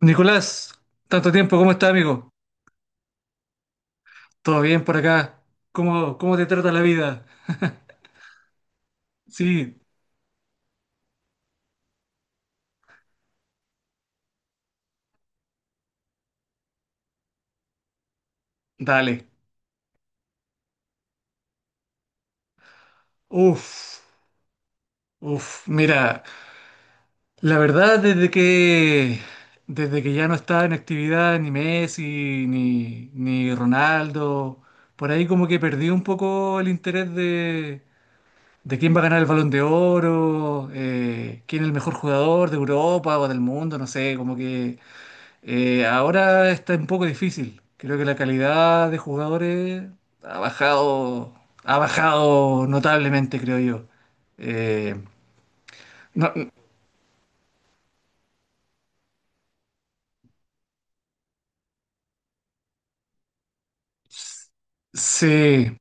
Nicolás, tanto tiempo, ¿cómo está, amigo? ¿Todo bien por acá? ¿Cómo te trata la vida? Sí, dale. Uf, uf, mira, la verdad desde que ya no estaba en actividad ni Messi ni Ronaldo, por ahí como que perdí un poco el interés de quién va a ganar el Balón de Oro, quién es el mejor jugador de Europa o del mundo, no sé, como que ahora está un poco difícil. Creo que la calidad de jugadores ha bajado, ha bajado notablemente, creo yo. Eh, no- sí,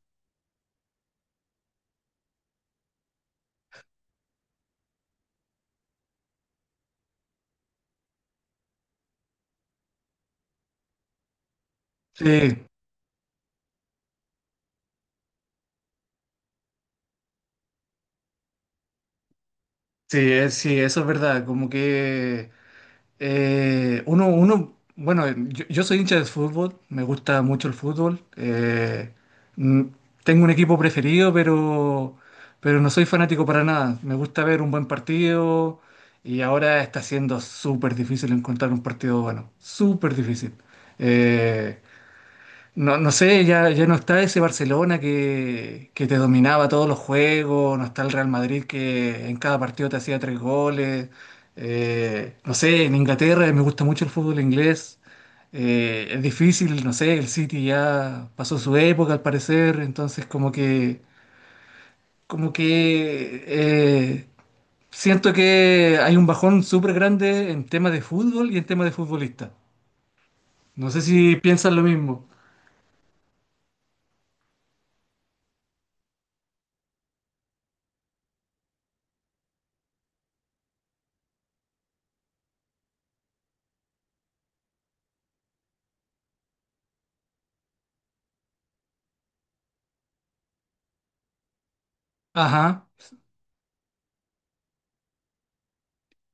sí, sí, sí, eso es verdad. Como que bueno, yo soy hincha de fútbol, me gusta mucho el fútbol. Mm, tengo un equipo preferido, pero no soy fanático para nada. Me gusta ver un buen partido y ahora está siendo súper difícil encontrar un partido bueno, súper difícil. Eh, no sé, ya no está ese Barcelona que te dominaba todos los juegos, no está el Real Madrid que en cada partido te hacía tres goles. No sé, en Inglaterra me gusta mucho el fútbol inglés. Es difícil, no sé, el City ya pasó su época al parecer, entonces como que siento que hay un bajón súper grande en tema de fútbol y en tema de futbolista. No sé si piensan lo mismo. Ajá.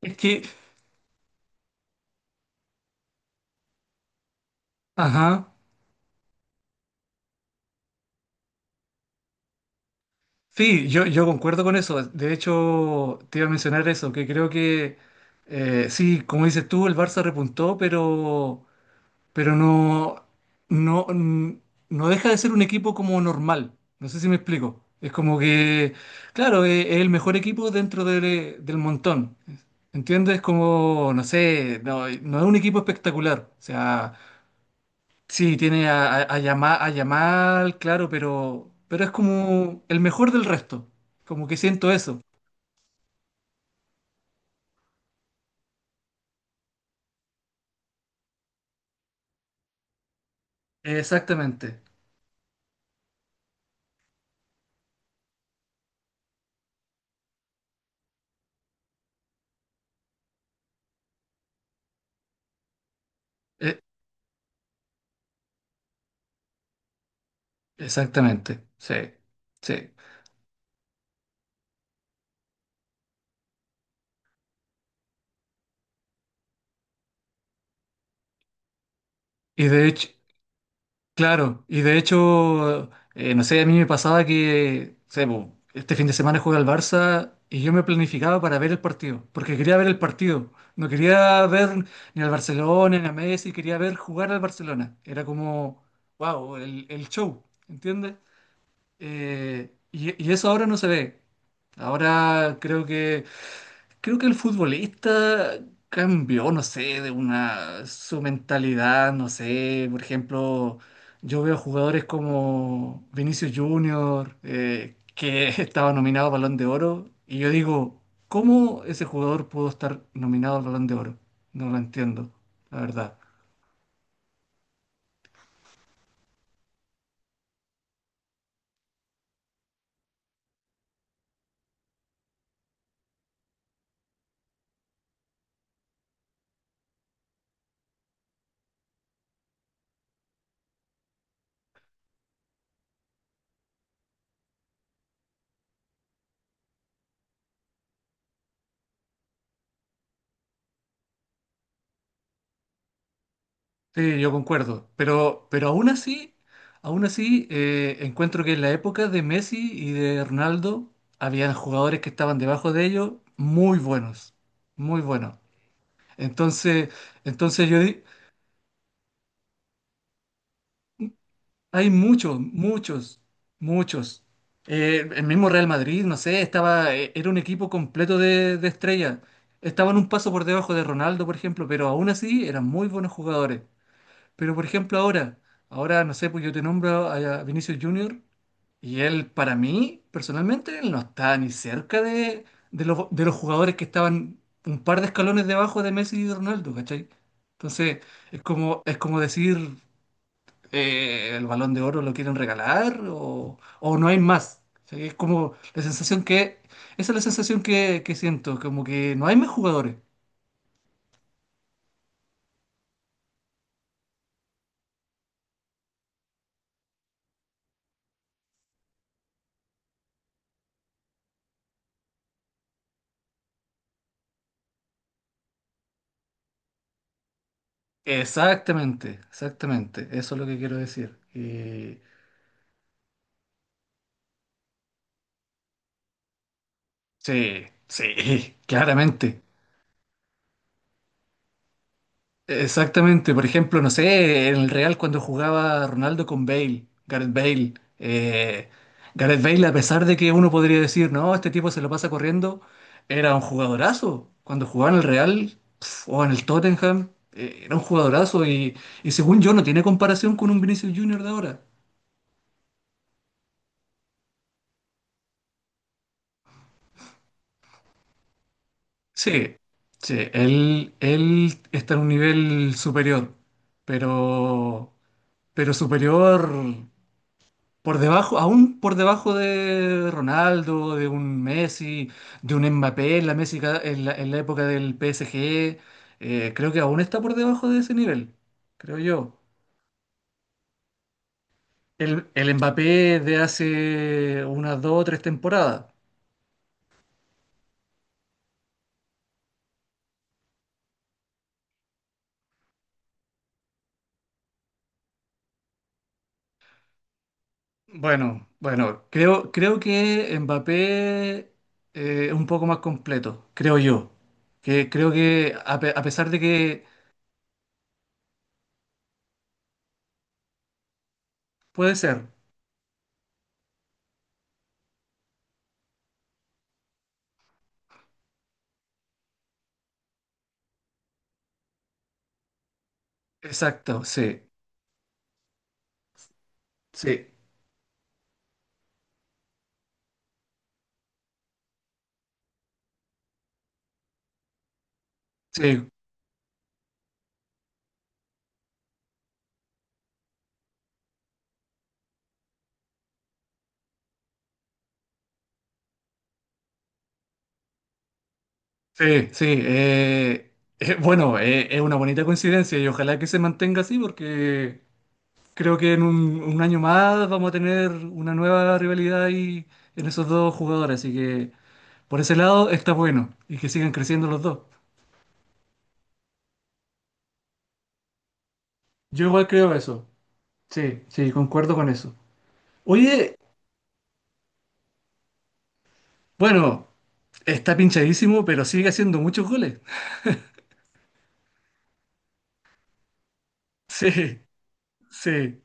Es que, ajá. Sí, yo concuerdo con eso. De hecho, te iba a mencionar eso, que creo que sí, como dices tú, el Barça repuntó, pero no, n- no deja de ser un equipo como normal. No sé si me explico. Es como que, claro, es el mejor equipo del montón. ¿Entiendes? Como, no sé, no es un equipo espectacular. O sea. Sí, tiene a Yamal, claro, pero es como el mejor del resto. Como que siento eso. Exactamente. Eh, exactamente. Sí. Sí. Y de hecho, claro, y de hecho, no sé, a mí me pasaba que, o sea, po, este fin de semana juega el Barça y yo me planificaba para ver el partido, porque quería ver el partido. No quería ver ni al Barcelona, ni a Messi, quería ver jugar al Barcelona. Era como, wow, el show, ¿entiendes? Y eso ahora no se ve. Ahora creo que el futbolista cambió, no sé, de una su mentalidad, no sé, por ejemplo, yo veo jugadores como Vinicius Junior que estaba nominado a Balón de Oro y yo digo, ¿cómo ese jugador pudo estar nominado al Balón de Oro? No lo entiendo, la verdad. Sí, yo concuerdo, aún así encuentro que en la época de Messi y de Ronaldo había jugadores que estaban debajo de ellos muy buenos, muy buenos. Entonces, entonces yo di- hay muchos. El mismo Real Madrid, no sé, estaba, era un equipo completo de estrellas. Estaban un paso por debajo de Ronaldo, por ejemplo, pero aún así eran muy buenos jugadores. Pero por ejemplo ahora, no sé, pues yo te nombro a Vinicius Junior y él para mí, personalmente, él no está ni cerca de los jugadores que estaban un par de escalones debajo de Messi y de Ronaldo, ¿cachai? Entonces, es como decir, el Balón de Oro lo quieren regalar o no hay más. ¿Cachai? Es como la sensación que, esa es la sensación que siento, como que no hay más jugadores. Exactamente, exactamente, eso es lo que quiero decir. Y sí, sí, claramente. Exactamente. Por ejemplo, no sé, en el Real cuando jugaba Ronaldo con Bale, Gareth Bale. eh, Gareth Bale, a pesar de que uno podría decir, no, este tipo se lo pasa corriendo, era un jugadorazo. Cuando jugaba en el Real pf, o en el Tottenham, era un jugadorazo y según yo no tiene comparación con un Vinicius Junior de ahora. Sí, sí, él está en un nivel superior, pero, pero superior. Por debajo, aún por debajo de Ronaldo, de un Messi, de un Mbappé en la, Messi ca- en la época del PSG, creo que aún está por debajo de ese nivel, creo yo. El Mbappé de hace unas dos o tres temporadas. Bueno, creo que Mbappé es un poco más completo, creo yo. Que, creo que a pesar de que puede ser, exacto, sí, sí. Sí, sí, sí. Bueno, es una bonita coincidencia y ojalá que se mantenga así porque creo que en un año más vamos a tener una nueva rivalidad ahí en esos dos jugadores. Así que por ese lado está bueno y que sigan creciendo los dos. Yo igual creo eso. Sí, sí, concuerdo con eso. Oye, bueno, está pinchadísimo, pero sigue haciendo muchos goles. Sí, sí,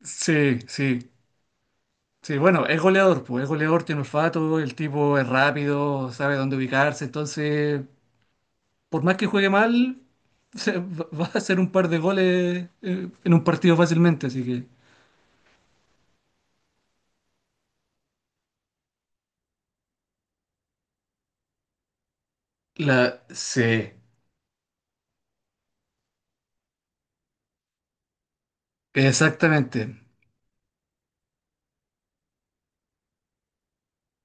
sí, sí. Sí, bueno, es goleador, pues es goleador, tiene olfato, el tipo es rápido, sabe dónde ubicarse, entonces, por más que juegue mal, va a hacer un par de goles en un partido fácilmente, así que... La... Sí, exactamente.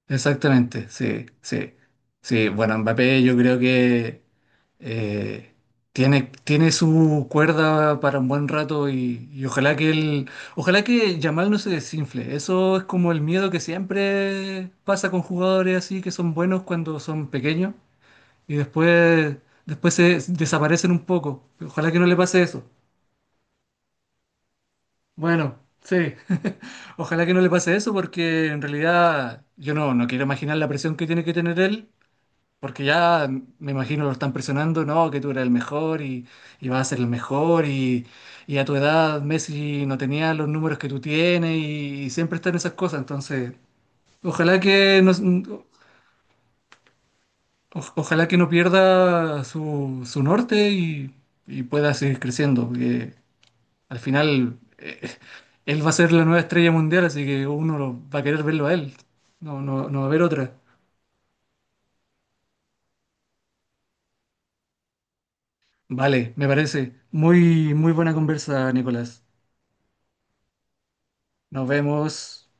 Exactamente, sí, sí. Sí, bueno, Mbappé yo creo que eh, tiene su cuerda para un buen rato y ojalá que él, ojalá que Yamal no se desinfle. Eso es como el miedo que siempre pasa con jugadores así que son buenos cuando son pequeños y después, después se desaparecen un poco. Ojalá que no le pase eso. Bueno, sí. Ojalá que no le pase eso porque en realidad yo no quiero imaginar la presión que tiene que tener él. Porque ya me imagino lo están presionando, no, que tú eres el mejor y vas a ser el mejor y a tu edad Messi no tenía los números que tú tienes y siempre están esas cosas. Entonces, ojalá que no, ojalá que no pierda su, su norte y pueda seguir creciendo. Porque al final él va a ser la nueva estrella mundial, así que va a querer verlo a él. No, no, no va a haber otra. Vale, me parece. Muy, muy buena conversa, Nicolás. Nos vemos.